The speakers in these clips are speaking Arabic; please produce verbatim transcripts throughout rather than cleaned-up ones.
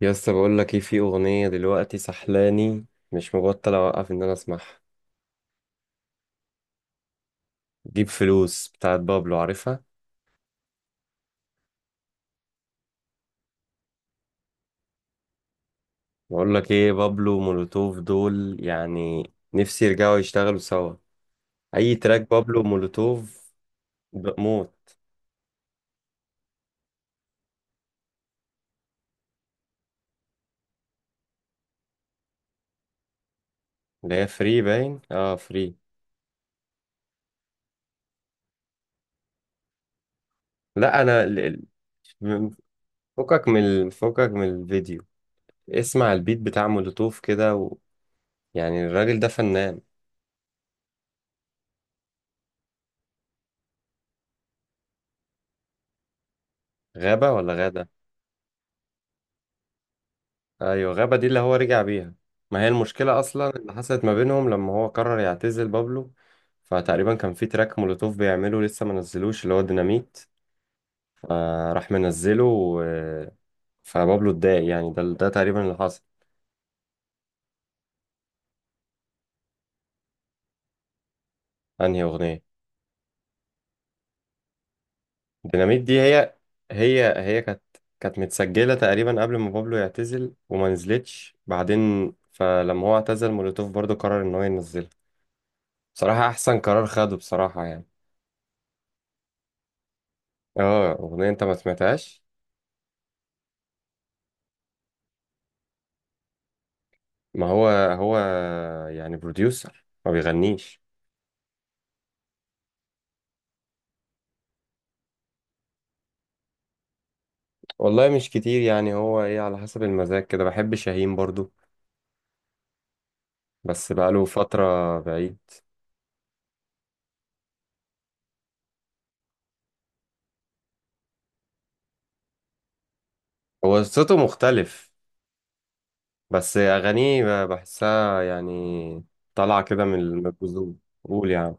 يا اسطى، بقول لك ايه؟ في اغنيه دلوقتي سحلاني، مش مبطل اوقف ان انا اسمعها. جيب فلوس بتاعت بابلو، عارفها؟ بقول لك ايه، بابلو مولوتوف دول، يعني نفسي يرجعوا يشتغلوا سوا. اي تراك بابلو مولوتوف بموت. اللي هي فري، باين اه فري. لا، انا ال- ال- فكك من ال- فكك من الفيديو. اسمع البيت بتاع مولوتوف كده و... يعني الراجل ده فنان. غابة ولا غادة؟ ايوه، غابة دي اللي هو رجع بيها. ما هي المشكلة اصلا اللي حصلت ما بينهم لما هو قرر يعتزل بابلو، فتقريبا كان في تراك مولوتوف بيعمله لسه ما نزلوش، اللي هو ديناميت. فراح منزله و... فبابلو اتضايق، يعني ده ده تقريبا اللي حصل. انهي اغنية؟ ديناميت دي هي. هي هي كانت كانت متسجلة تقريبا قبل ما بابلو يعتزل وما نزلتش، بعدين فلما هو اعتزل مولوتوف برضو قرر ان هو ينزلها. بصراحة احسن قرار خده، بصراحة يعني. اه، اغنية انت ما سمعتهاش. ما هو هو يعني بروديوسر، ما بيغنيش. والله مش كتير، يعني هو ايه، على حسب المزاج كده. بحب شاهين برضو، بس بقاله فترة بعيد. هو صوته مختلف، بس أغانيه ب- بحسها يعني طالعة كده من الجذور. قول يعني.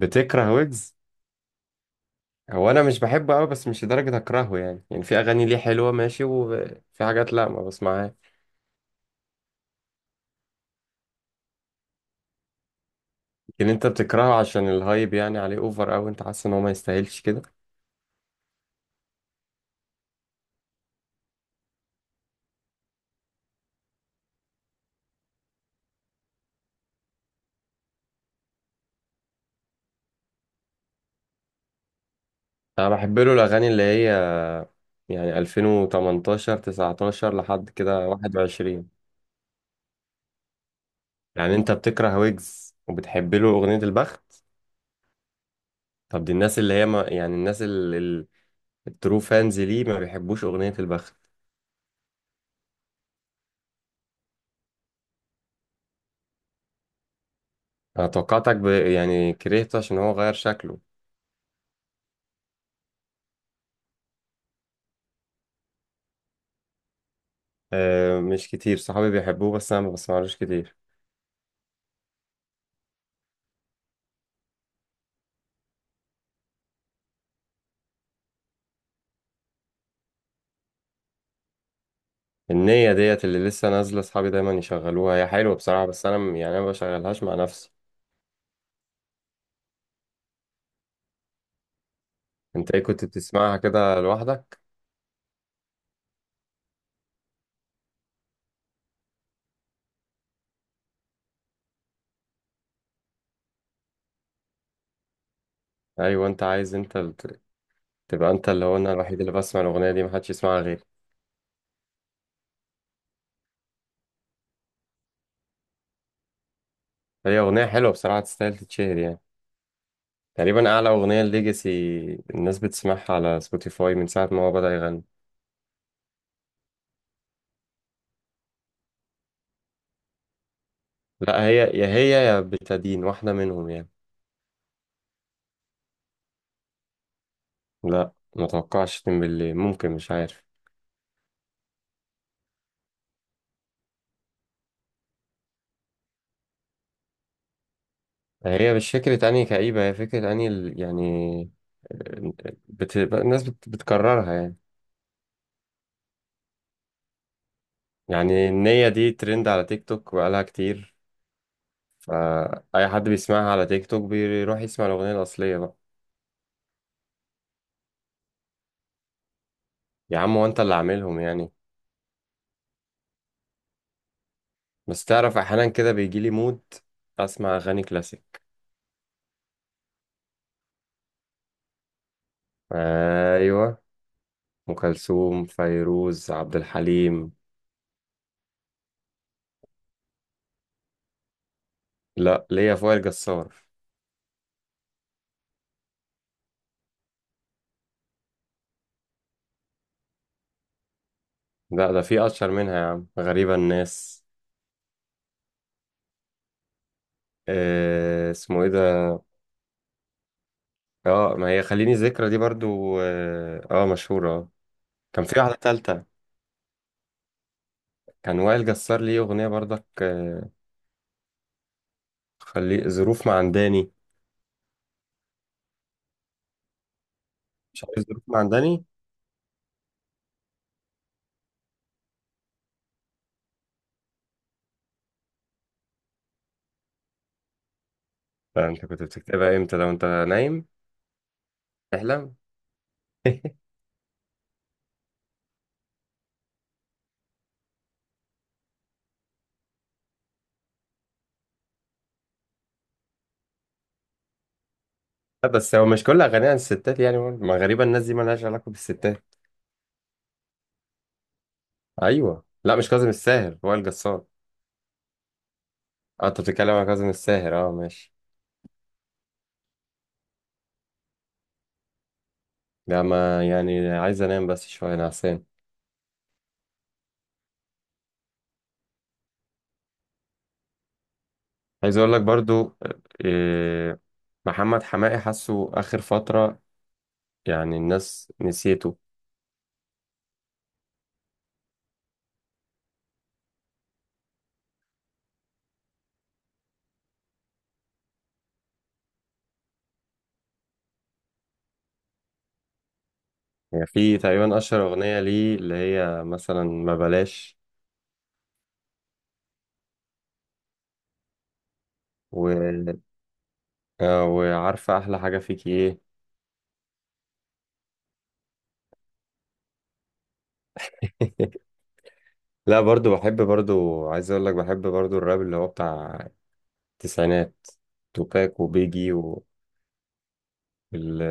بتكره ويجز. هو أنا مش بحبه أوي، بس مش لدرجة أكرهه يعني يعني في أغاني ليه حلوة ماشي، وفي حاجات لأ ما بسمعها. لكن أنت بتكرهه عشان الهايب يعني عليه أوفر أوي، أنت حاسس إن هو ما يستاهلش كده. انا بحب له الاغاني اللي هي يعني ألفين وتمنتاشر، تسعتاشر، لحد كده واحد وعشرين. يعني انت بتكره ويجز وبتحب له اغنية البخت؟ طب دي الناس اللي هي، ما يعني الناس ال- ال- الترو فانز، ليه ما بيحبوش اغنية البخت؟ انا توقعتك ب... يعني كرهته عشان هو غير شكله. أه، مش كتير، صحابي بيحبوه بس انا ما بسمعلوش كتير. النية ديت اللي لسه نازلة صحابي دايما يشغلوها، هي حلوة بصراحة، بس انا م- يعني انا ما بشغلهاش مع نفسي. انت ايه، كنت بتسمعها كده لوحدك؟ ايوه، انت عايز انت تبقى انت اللي هو، انا الوحيد اللي بسمع الاغنيه دي، محدش يسمعها غيري. هي اغنيه حلوه بصراحه، تستاهل تتشهر يعني. تقريبا اعلى اغنيه الليجاسي، الناس بتسمعها على سبوتيفاي من ساعه ما هو بدأ يغني. لا، هي يا هي يا بتدين واحده منهم يعني. لا، ما اتوقعش تم بالليل، ممكن، مش عارف. هي مش فكره اني كئيبه، هي فكره اني ال- يعني بت... الناس بت... بتكررها يعني. يعني النية دي ترند على تيك توك بقالها كتير، فأي حد بيسمعها على تيك توك بيروح يسمع الأغنية الأصلية بقى. يا عم، وانت اللي عاملهم يعني. بس تعرف، احيانا كده بيجيلي مود اسمع اغاني كلاسيك. ايوه، ام كلثوم، فيروز، عبد الحليم. لا، ليا في وائل جسار. لا، ده في اشهر منها يا عم، غريبة الناس. آه، اسمه ايه ده؟ اه، ما هي خليني ذكرى دي برضو اه, آه مشهورة آه. كان في واحدة تالتة، كان وائل جسار ليه اغنية برضك آه خلي ظروف معنداني. مش عارف، ظروف معنداني. لا، انت كنت بتكتبها امتى؟ لو انت نايم تحلم. لا، بس هو مش كل اغانيه عن الستات يعني برضه. ما غريبه، الناس دي مالهاش علاقه بالستات. ايوه، لا مش كاظم الساهر، وائل جسار. اه، انت بتتكلم عن كاظم الساهر، اه ماشي. لا، ما يعني، عايز انام بس شويه نعسان. عايز اقول لك برضو إيه. محمد حماقي حاسه اخر فتره، يعني الناس نسيته. يعني في تقريبا اشهر اغنيه ليه اللي هي مثلا ما بلاش و... آه، وعارفه احلى حاجه فيكي ايه. لا، برضو بحب، برضو عايز اقول لك، بحب برضو الراب اللي هو بتاع التسعينات. توباك وبيجي و... ال...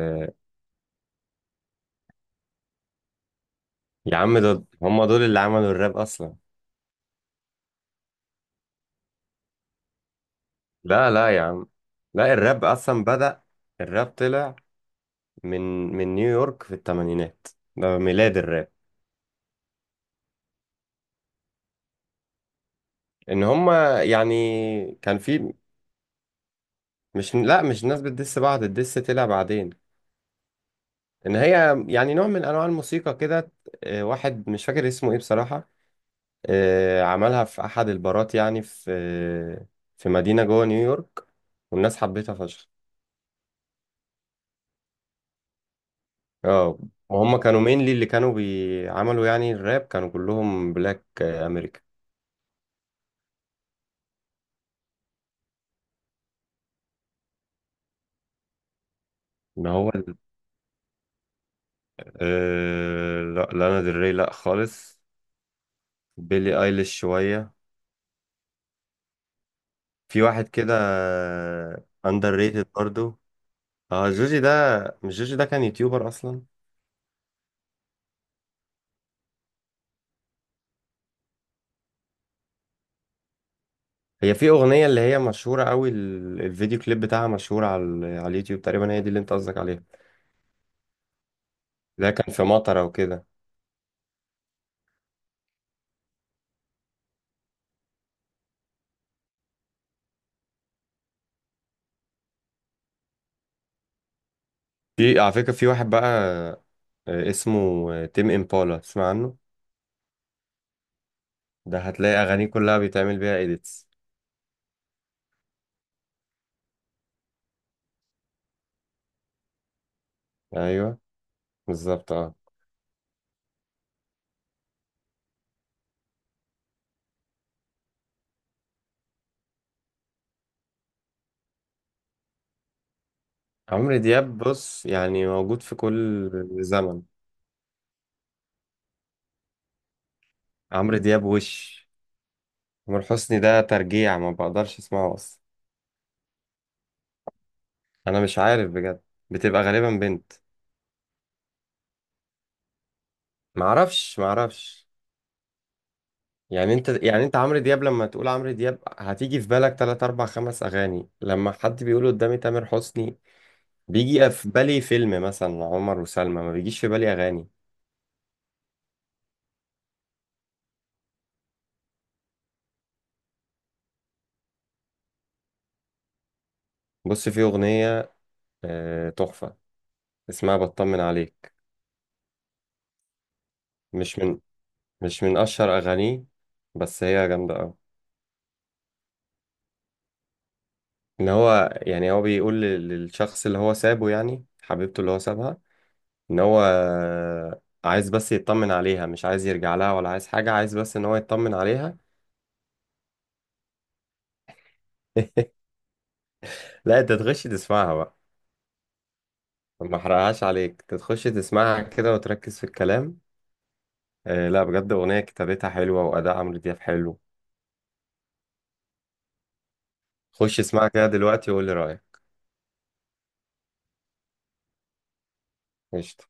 يا عم، دول هم دول اللي عملوا الراب اصلا. لا لا يا عم، لا الراب اصلا بدأ، الراب طلع من من نيويورك في الثمانينات. ده ميلاد الراب. ان هم يعني كان في، مش لا مش الناس بتدس بعض، الدس طلع بعدين. ان هي يعني نوع من انواع الموسيقى كده. آه، واحد مش فاكر اسمه ايه بصراحة. آه، عملها في احد البارات يعني في آه، في مدينة جوه نيويورك، والناس حبيتها فشخ. اه، وهم كانوا مينلي اللي كانوا بيعملوا يعني الراب، كانوا كلهم بلاك امريكا. ان هو ال-. آه، لا، لانا ديل ري لا خالص. بيلي ايليش شويه. في واحد كده اندر ريتد برضو. اه، جوجي ده مش جوجي ده، كان يوتيوبر اصلا. هي في اغنيه اللي هي مشهوره قوي، ال- الفيديو كليب بتاعها مشهور على ال- على اليوتيوب، تقريبا هي دي اللي انت قصدك عليها. ده كان في مطره وكده. في على فكره، في واحد بقى آه، اسمه تيم امبالا، تسمع عنه؟ ده هتلاقي اغانيه كلها بيتعمل بيها اديتس. ايوه بالظبط اه عمرو دياب، بص يعني موجود في كل زمن. عمرو دياب وش تامر حسني، ده ترجيع ما بقدرش اسمعه اصلا. انا مش عارف بجد، بتبقى غالبا بنت. معرفش معرفش، يعني انت يعني انت عمرو دياب، لما تقول عمرو دياب هتيجي في بالك ثلاثة، أربعة، خمس اغاني. لما حد بيقول قدامي تامر حسني بيجي في بالي فيلم مثلا عمر وسلمى، ما بيجيش في بالي اغاني. بص، في اغنية آه، تحفة، اسمها بطمن عليك. مش من مش من اشهر اغانيه، بس هي جامده قوي. ان هو يعني، هو بيقول لل- للشخص اللي هو سابه، يعني حبيبته اللي هو سابها، ان هو عايز بس يطمن عليها، مش عايز يرجع لها ولا عايز حاجه، عايز بس ان هو يطمن عليها. لا، انت تخش تسمعها بقى. ما احرقهاش عليك، انت تخش تسمعها كده وتركز في الكلام. آه لا بجد، اغنيه كتابتها حلوه واداء عمرو دياب حلو. خش اسمعها كده دلوقتي وقول لي رايك. قشطة.